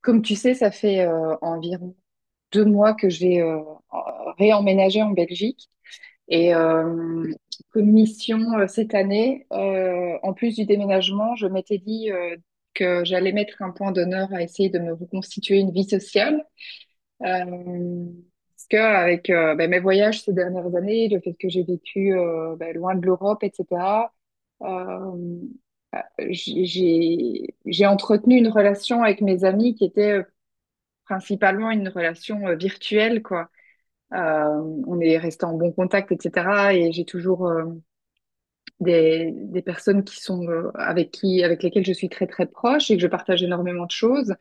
Comme tu sais, ça fait environ 2 mois que j'ai réemménagé en Belgique et comme mission cette année, en plus du déménagement, je m'étais dit que j'allais mettre un point d'honneur à essayer de me reconstituer une vie sociale. Euh, parce que avec bah, mes voyages ces dernières années, le fait que j'ai vécu bah, loin de l'Europe, etc. Euh, j'ai entretenu une relation avec mes amis qui était principalement une relation virtuelle, quoi. Euh, on est resté en bon contact, etc. Et j'ai toujours des personnes qui sont avec qui, avec lesquelles je suis très très proche et que je partage énormément de choses,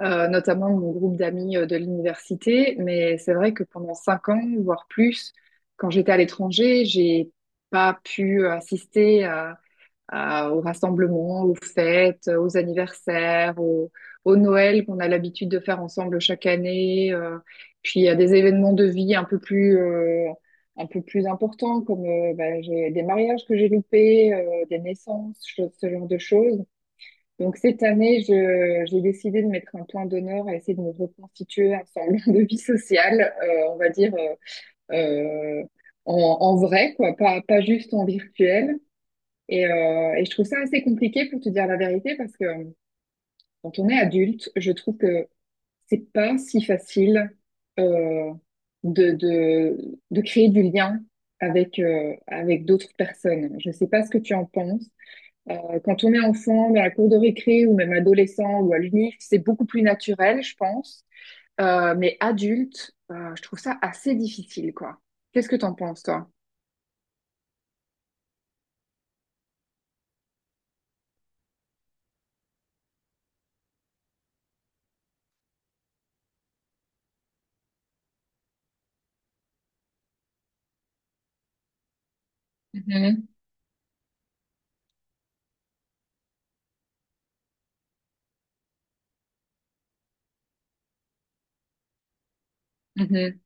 notamment mon groupe d'amis de l'université. Mais c'est vrai que pendant 5 ans, voire plus, quand j'étais à l'étranger, j'ai pas pu assister aux rassemblements, aux fêtes, aux anniversaires, au Noël qu'on a l'habitude de faire ensemble chaque année, puis à des événements de vie un peu plus importants comme bah, j'ai des mariages que j'ai loupés, des naissances, ce genre de choses. Donc cette année, j'ai décidé de mettre un point d'honneur à essayer de me reconstituer un semblant de vie sociale, on va dire euh, en, en vrai, quoi, pas juste en virtuel. Et je trouve ça assez compliqué pour te dire la vérité parce que quand on est adulte, je trouve que c'est pas si facile euh, de créer du lien avec d'autres personnes. Je sais pas ce que tu en penses. Quand on est enfant, dans la cour de récré ou même adolescent ou à l'UNIF, c'est beaucoup plus naturel, je pense. Mais adulte, je trouve ça assez difficile, quoi. Qu'est-ce que t'en penses, toi? Mhm, mhm,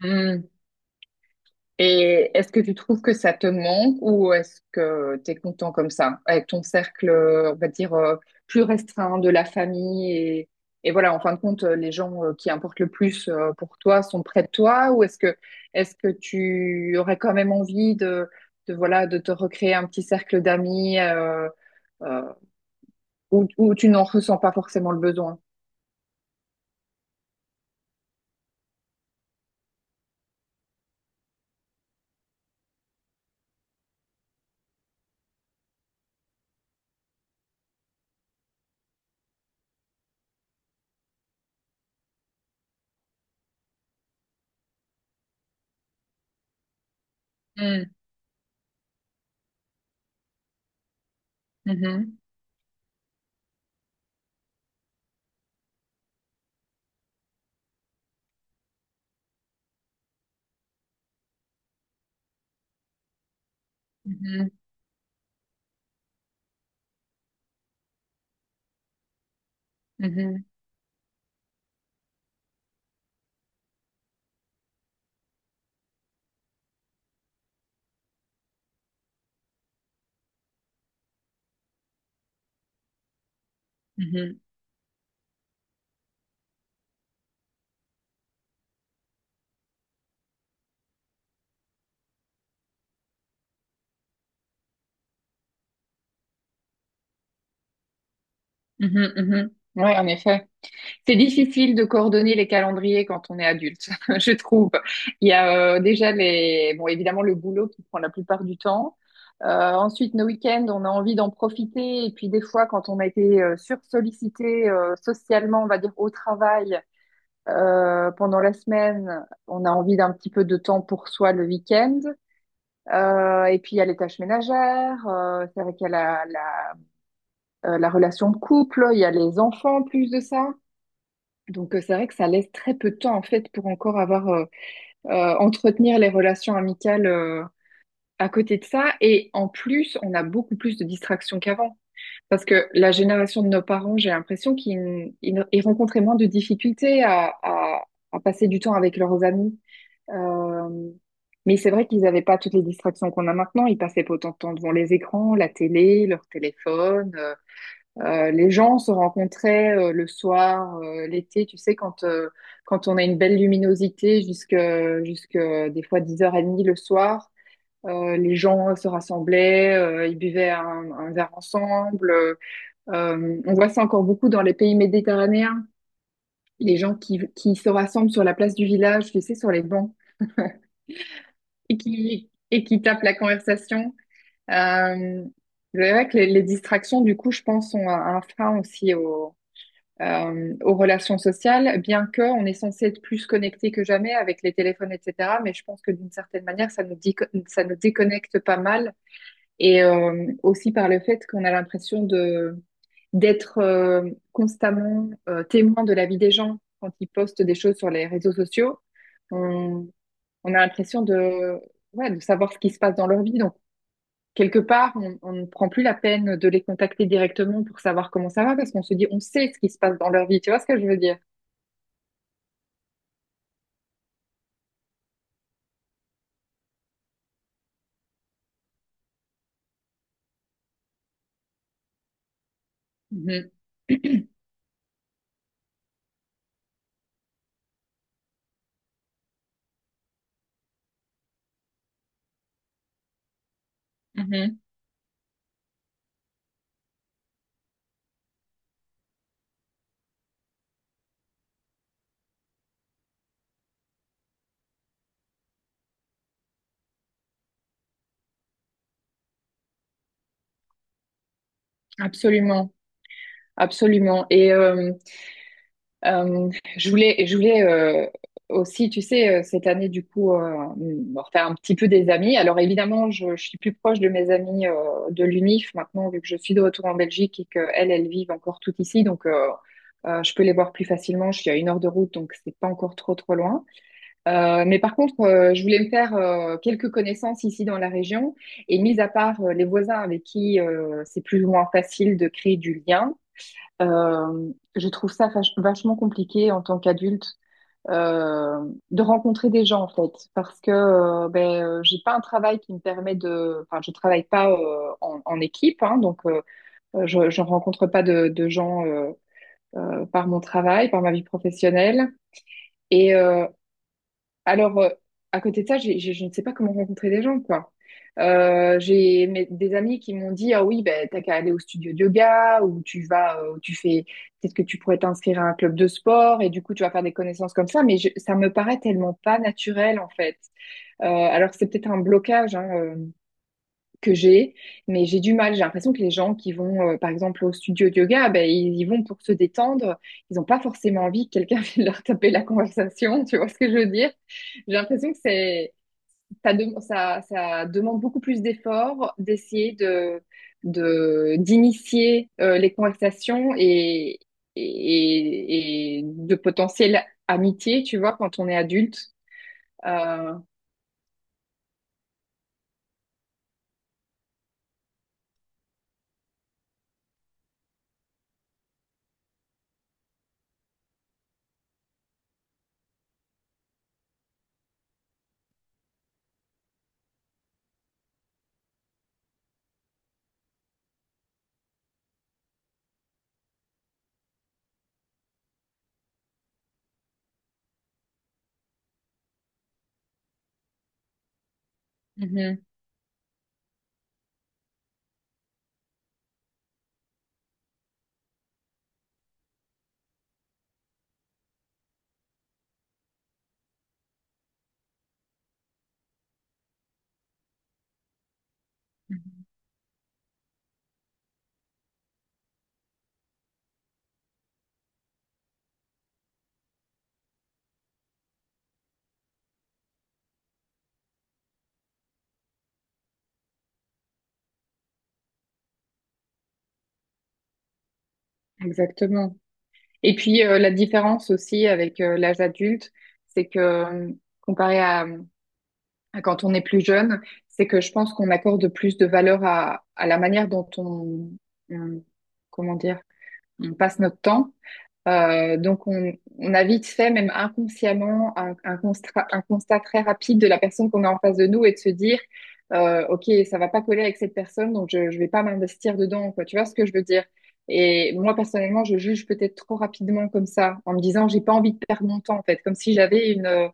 mhm. Et est-ce que tu trouves que ça te manque ou est-ce que tu es content comme ça, avec ton cercle, on va dire, plus restreint de la famille et voilà, en fin de compte, les gens qui importent le plus pour toi sont près de toi ou est-ce que tu aurais quand même envie de voilà de te recréer un petit cercle d'amis euh, où, où tu n'en ressens pas forcément le besoin? Mm, mhm, mhm, mhm, mhm, mhm, mhm. Ouais, en effet. C'est difficile de coordonner les calendriers quand on est adulte, je trouve. Il y a déjà les, bon, évidemment le boulot qui prend la plupart du temps. Ensuite, nos week-ends, on a envie d'en profiter. Et puis des fois, quand on a été sursollicité socialement, on va dire au travail pendant la semaine, on a envie d'un petit peu de temps pour soi le week-end. Et puis il y a les tâches ménagères. C'est vrai qu'il y a la relation de couple. Il y a les enfants en plus de ça. Donc c'est vrai que ça laisse très peu de temps en fait pour encore avoir entretenir les relations amicales à côté de ça. Et en plus, on a beaucoup plus de distractions qu'avant. Parce que la génération de nos parents, j'ai l'impression qu'ils rencontraient moins de difficultés à passer du temps avec leurs amis. Euh, mais c'est vrai qu'ils n'avaient pas toutes les distractions qu'on a maintenant. Ils passaient pas autant de temps devant les écrans, la télé, leur téléphone. Les gens se rencontraient le soir, l'été, tu sais, quand on a une belle luminosité jusque des fois 10h30 le soir, les gens se rassemblaient, ils buvaient un verre ensemble. On voit ça encore beaucoup dans les pays méditerranéens, les gens qui se rassemblent sur la place du village, tu sais, sur les bancs, et et qui tapent la conversation. Euh, c'est vrai que les distractions, du coup, je pense, sont un frein aussi aux relations sociales, bien que on est censé être plus connecté que jamais avec les téléphones, etc. Mais je pense que d'une certaine manière, ça nous dit, ça nous déconnecte pas mal, et aussi par le fait qu'on a l'impression de d'être constamment témoin de la vie des gens quand ils postent des choses sur les réseaux sociaux. On, on a l'impression de, ouais, de savoir ce qui se passe dans leur vie. Donc, quelque part, on ne prend plus la peine de les contacter directement pour savoir comment ça va parce qu'on se dit, on sait ce qui se passe dans leur vie. Tu vois ce que je veux dire? Mhm. Mhm. Absolument, absolument. Euh, je voulais aussi, tu sais, cette année, du coup, me refaire un petit peu des amis. Alors évidemment, je suis plus proche de mes amis de l'UNIF maintenant, vu que je suis de retour en Belgique et qu'elles, elles vivent encore toutes ici. Donc, je peux les voir plus facilement. Je suis à 1 heure de route, donc c'est pas encore trop, trop loin. Mais par contre, je voulais me faire quelques connaissances ici dans la région. Et mis à part les voisins avec qui c'est plus ou moins facile de créer du lien, je trouve ça vachement compliqué en tant qu'adulte euh, de rencontrer des gens en fait, parce que ben j'ai pas un travail qui me permet de, enfin je travaille pas en équipe, hein, donc je rencontre pas de gens par mon travail, par ma vie professionnelle. Et, alors, à côté de ça, je ne sais pas comment rencontrer des gens, quoi. J'ai des amis qui m'ont dit, ah oui, ben, t'as qu'à aller au studio de yoga, ou tu vas, tu fais, peut-être que tu pourrais t'inscrire à un club de sport, et du coup, tu vas faire des connaissances comme ça, mais ça me paraît tellement pas naturel, en fait. Alors, c'est peut-être un blocage, hein, que j'ai, mais j'ai du mal. J'ai l'impression que les gens qui vont, par exemple, au studio de yoga, ben, ils y vont pour se détendre. Ils n'ont pas forcément envie que quelqu'un vienne leur taper la conversation. Tu vois ce que je veux dire? J'ai l'impression que c'est, ça demande beaucoup plus d'efforts d'essayer d'initier les conversations et de potentielles amitiés, tu vois, quand on est adulte. Euh, mhm, exactement. Et puis la différence aussi avec l'âge adulte, c'est que comparé à quand on est plus jeune, c'est que je pense qu'on accorde plus de valeur à la manière dont on- comment dire, on passe notre temps. Donc, on a vite fait, même inconsciemment, un constat très rapide de la personne qu'on a en face de nous et de se dire, OK, ça va pas coller avec cette personne, donc je vais pas m'investir dedans, quoi. Tu vois ce que je veux dire? Et moi, personnellement, je juge peut-être trop rapidement comme ça, en me disant, j'ai pas envie de perdre mon temps, en fait, comme si j'avais une, euh,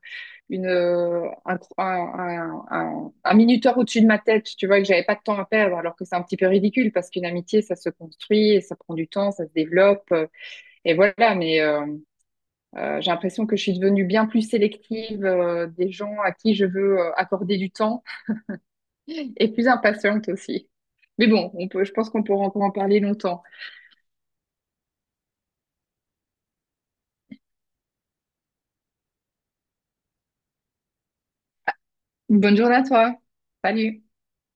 une, euh, un, cro- un minuteur au-dessus de ma tête, tu vois, et que j'avais pas de temps à perdre, alors que c'est un petit peu ridicule parce qu'une amitié, ça se construit, et ça prend du temps, ça se développe. Et voilà, mais j'ai l'impression que je suis devenue bien plus sélective des gens à qui je veux accorder du temps et plus impatiente aussi. Mais bon, on peut, je pense qu'on pourra encore en parler longtemps. Bonne journée à toi. Salut.